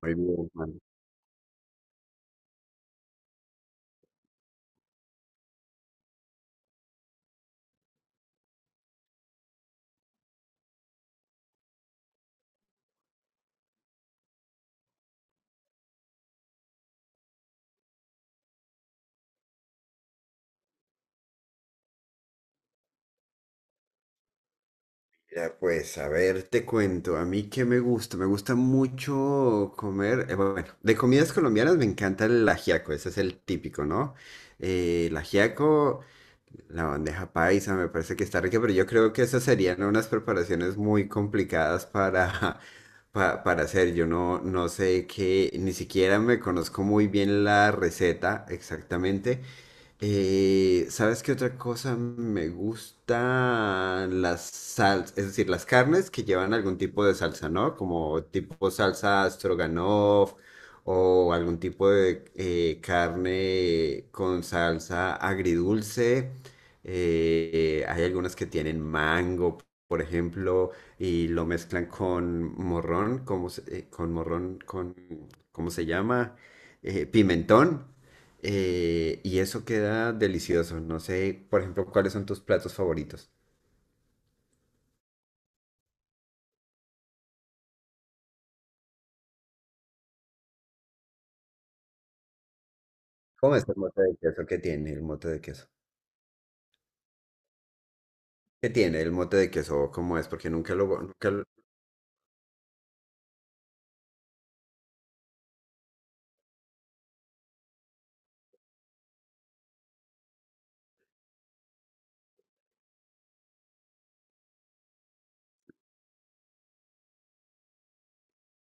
Muy bien, Juan. Mira, pues, a ver, te cuento, a mí qué me gusta mucho comer, bueno, de comidas colombianas me encanta el ajiaco, ese es el típico, ¿no? Eh, el ajiaco, la bandeja paisa, me parece que está rica, pero yo creo que esas serían unas preparaciones muy complicadas para, para hacer, yo no sé qué, ni siquiera me conozco muy bien la receta exactamente. ¿Sabes qué otra cosa me gusta? Las salsas, es decir, las carnes que llevan algún tipo de salsa, ¿no? Como tipo salsa stroganoff o algún tipo de carne con salsa agridulce. Hay algunas que tienen mango, por ejemplo, y lo mezclan con morrón, con morrón, ¿cómo se llama? Pimentón. Y eso queda delicioso. No sé, por ejemplo, cuáles son tus platos favoritos. ¿Cómo es el mote de queso? ¿Qué tiene el mote de queso? ¿Cómo es? Porque nunca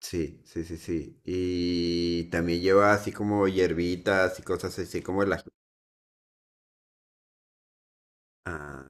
Sí, sí, sí, sí. Y también lleva así como hierbitas y cosas así como el ají. Ah,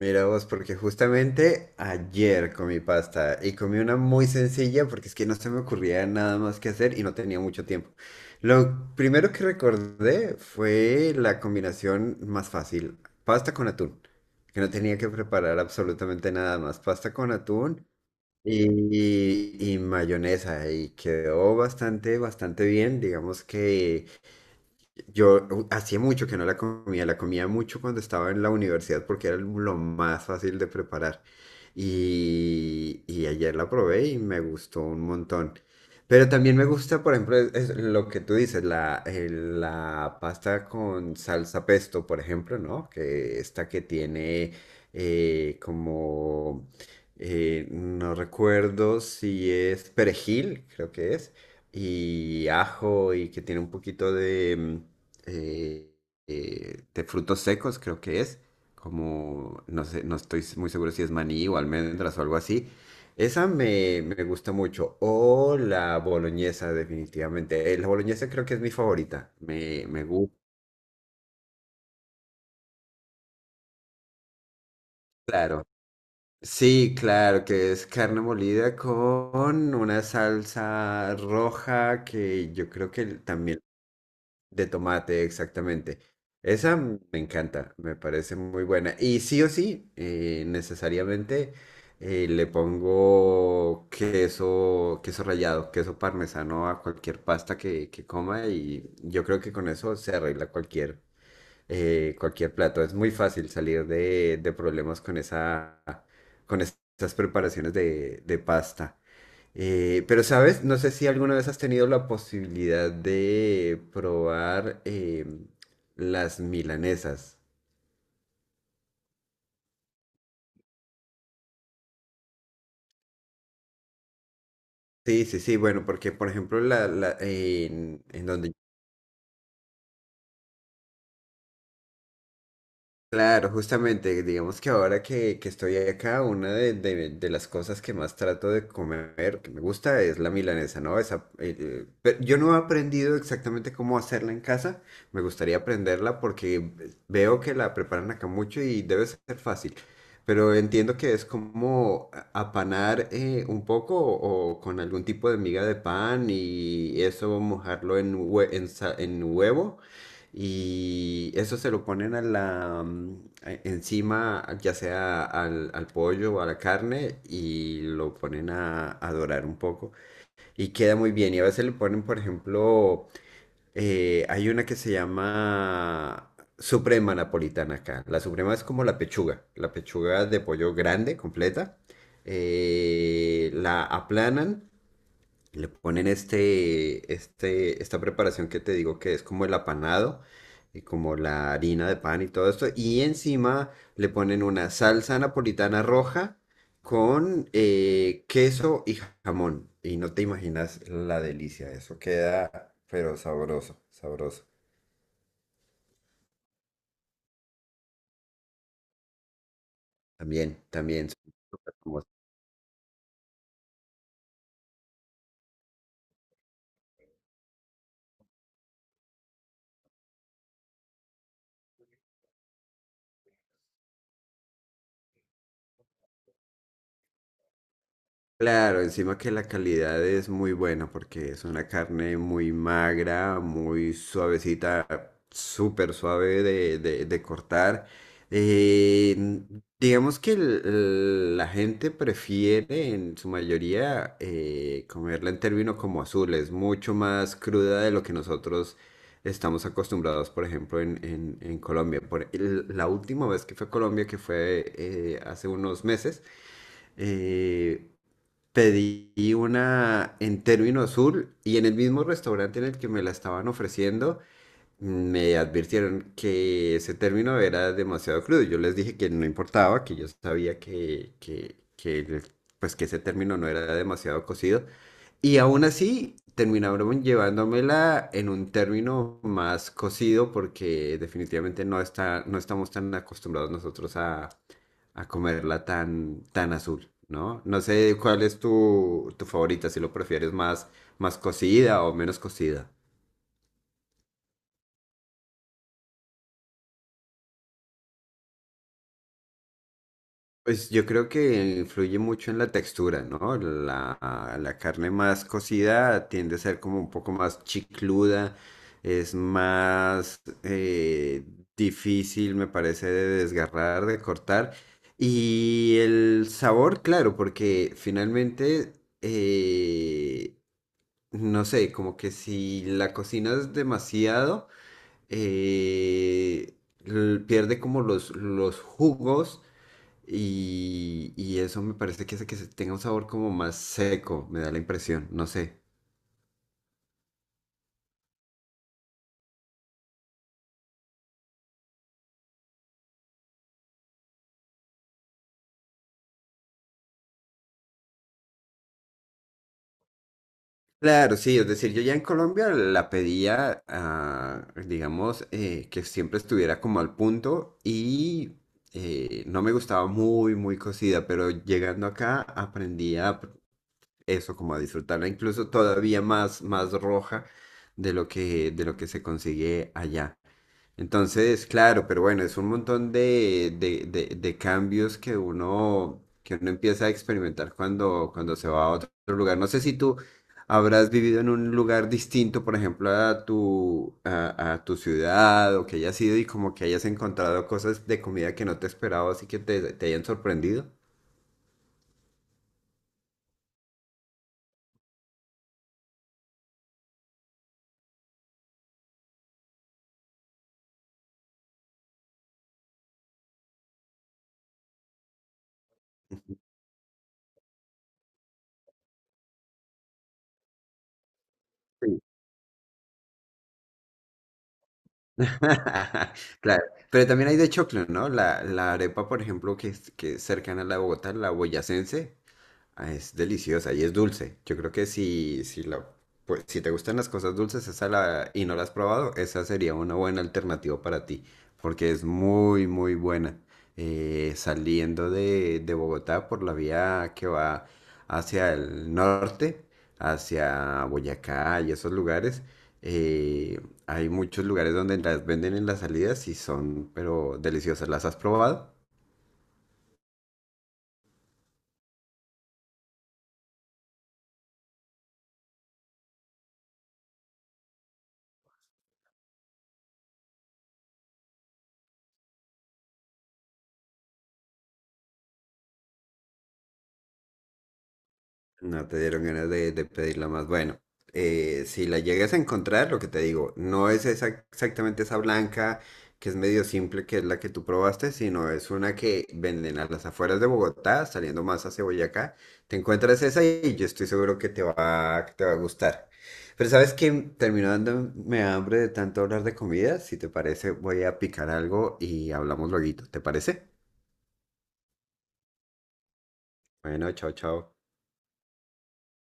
mira vos, porque justamente ayer comí pasta y comí una muy sencilla porque es que no se me ocurría nada más que hacer y no tenía mucho tiempo. Lo primero que recordé fue la combinación más fácil, pasta con atún, que no tenía que preparar absolutamente nada más, pasta con atún y, y mayonesa y quedó bastante, bastante bien, digamos que... Yo hacía mucho que no la comía, la comía mucho cuando estaba en la universidad porque era lo más fácil de preparar. Y ayer la probé y me gustó un montón. Pero también me gusta, por ejemplo, es lo que tú dices, la pasta con salsa pesto, por ejemplo, ¿no? Que esta que tiene eh, como, no recuerdo si es perejil, creo que es, y ajo y que tiene un poquito de... eh, de frutos secos, creo que es, como, no sé, no estoy muy seguro si es maní o almendras o algo así. Esa me gusta mucho. O la boloñesa, definitivamente. La boloñesa creo que es mi favorita. Me gusta, claro. Sí, claro, que es carne molida con una salsa roja que yo creo que también de tomate, exactamente. Esa me encanta, me parece muy buena. Y sí o sí, necesariamente le pongo queso, queso rallado, queso parmesano a cualquier pasta que coma y yo creo que con eso se arregla cualquier, cualquier plato. Es muy fácil salir de problemas con esa, con esas preparaciones de pasta. Pero, ¿sabes? No sé si alguna vez has tenido la posibilidad de probar las milanesas. Sí, sí, sí, bueno, porque por ejemplo en donde claro, justamente, digamos que ahora que estoy acá, una de las cosas que más trato de comer, que me gusta, es la milanesa, ¿no? Esa, yo no he aprendido exactamente cómo hacerla en casa, me gustaría aprenderla porque veo que la preparan acá mucho y debe ser fácil, pero entiendo que es como apanar un poco o con algún tipo de miga de pan y eso mojarlo en, en huevo y eso se lo ponen a la, encima, ya sea al, al pollo o a la carne, y lo ponen a dorar un poco. Y queda muy bien. Y a veces le ponen, por ejemplo, hay una que se llama suprema napolitana acá. La suprema es como la pechuga de pollo grande, completa. La aplanan, le ponen esta preparación que te digo que es como el apanado y como la harina de pan y todo esto. Y encima le ponen una salsa napolitana roja con queso y jamón. Y no te imaginas la delicia, eso queda, pero sabroso, sabroso. También, también. Claro, encima que la calidad es muy buena porque es una carne muy magra, muy suavecita, súper suave de, de cortar. Digamos que la gente prefiere en su mayoría comerla en términos como azul, es mucho más cruda de lo que nosotros estamos acostumbrados, por ejemplo, en, en Colombia. La última vez que fue a Colombia, que fue hace unos meses, eh, pedí una en Término Azul y en el mismo restaurante en el que me la estaban ofreciendo, me advirtieron que ese término era demasiado crudo. Yo les dije que no importaba, que yo sabía pues que ese término no era demasiado cocido. Y aún así terminaron llevándomela en un término más cocido porque definitivamente no está, no estamos tan acostumbrados nosotros a comerla tan, tan azul, ¿no? No sé cuál es tu, tu favorita, si lo prefieres más, más cocida o menos cocida. Pues yo creo que influye mucho en la textura, ¿no? La carne más cocida tiende a ser como un poco más chicluda, es más difícil, me parece, de desgarrar, de cortar. Y el sabor, claro, porque finalmente, eh, no sé, como que si la cocinas demasiado, eh, pierde como los jugos y eso me parece que hace que se tenga un sabor como más seco, me da la impresión, no sé. Claro, sí, es decir, yo ya en Colombia la pedía, digamos, que siempre estuviera como al punto y no me gustaba muy, muy cocida, pero llegando acá eso, como a disfrutarla, incluso todavía más, más roja de lo que se consigue allá. Entonces, claro, pero bueno, es un montón de cambios que uno empieza a experimentar cuando, cuando se va a otro lugar. No sé si tú habrás vivido en un lugar distinto, por ejemplo, a tu, a tu ciudad, o que hayas ido y como que hayas encontrado cosas de comida que no te esperabas y que te hayan sorprendido. Sí. Claro, pero también hay de choclo, ¿no? La arepa, por ejemplo, que es cercana a la de Bogotá, la boyacense. Ah, es deliciosa y es dulce. Yo creo que pues, si te gustan las cosas dulces esa y no la has probado, esa sería una buena alternativa para ti, porque es muy, muy buena. Saliendo de Bogotá por la vía que va hacia el norte, hacia Boyacá y esos lugares, eh, hay muchos lugares donde las venden en las salidas y son, pero deliciosas. ¿Las has probado? No te dieron ganas de pedirla más. Bueno, si la llegas a encontrar, lo que te digo, no es esa- exactamente esa blanca que es medio simple, que es la que tú probaste, sino es una que venden a las afueras de Bogotá, saliendo más hacia Boyacá. Te encuentras esa y yo estoy seguro que te va a gustar. Pero sabes que terminó dándome hambre de tanto hablar de comida. Si te parece, voy a picar algo y hablamos luego. ¿Te parece? Bueno, chao, chao.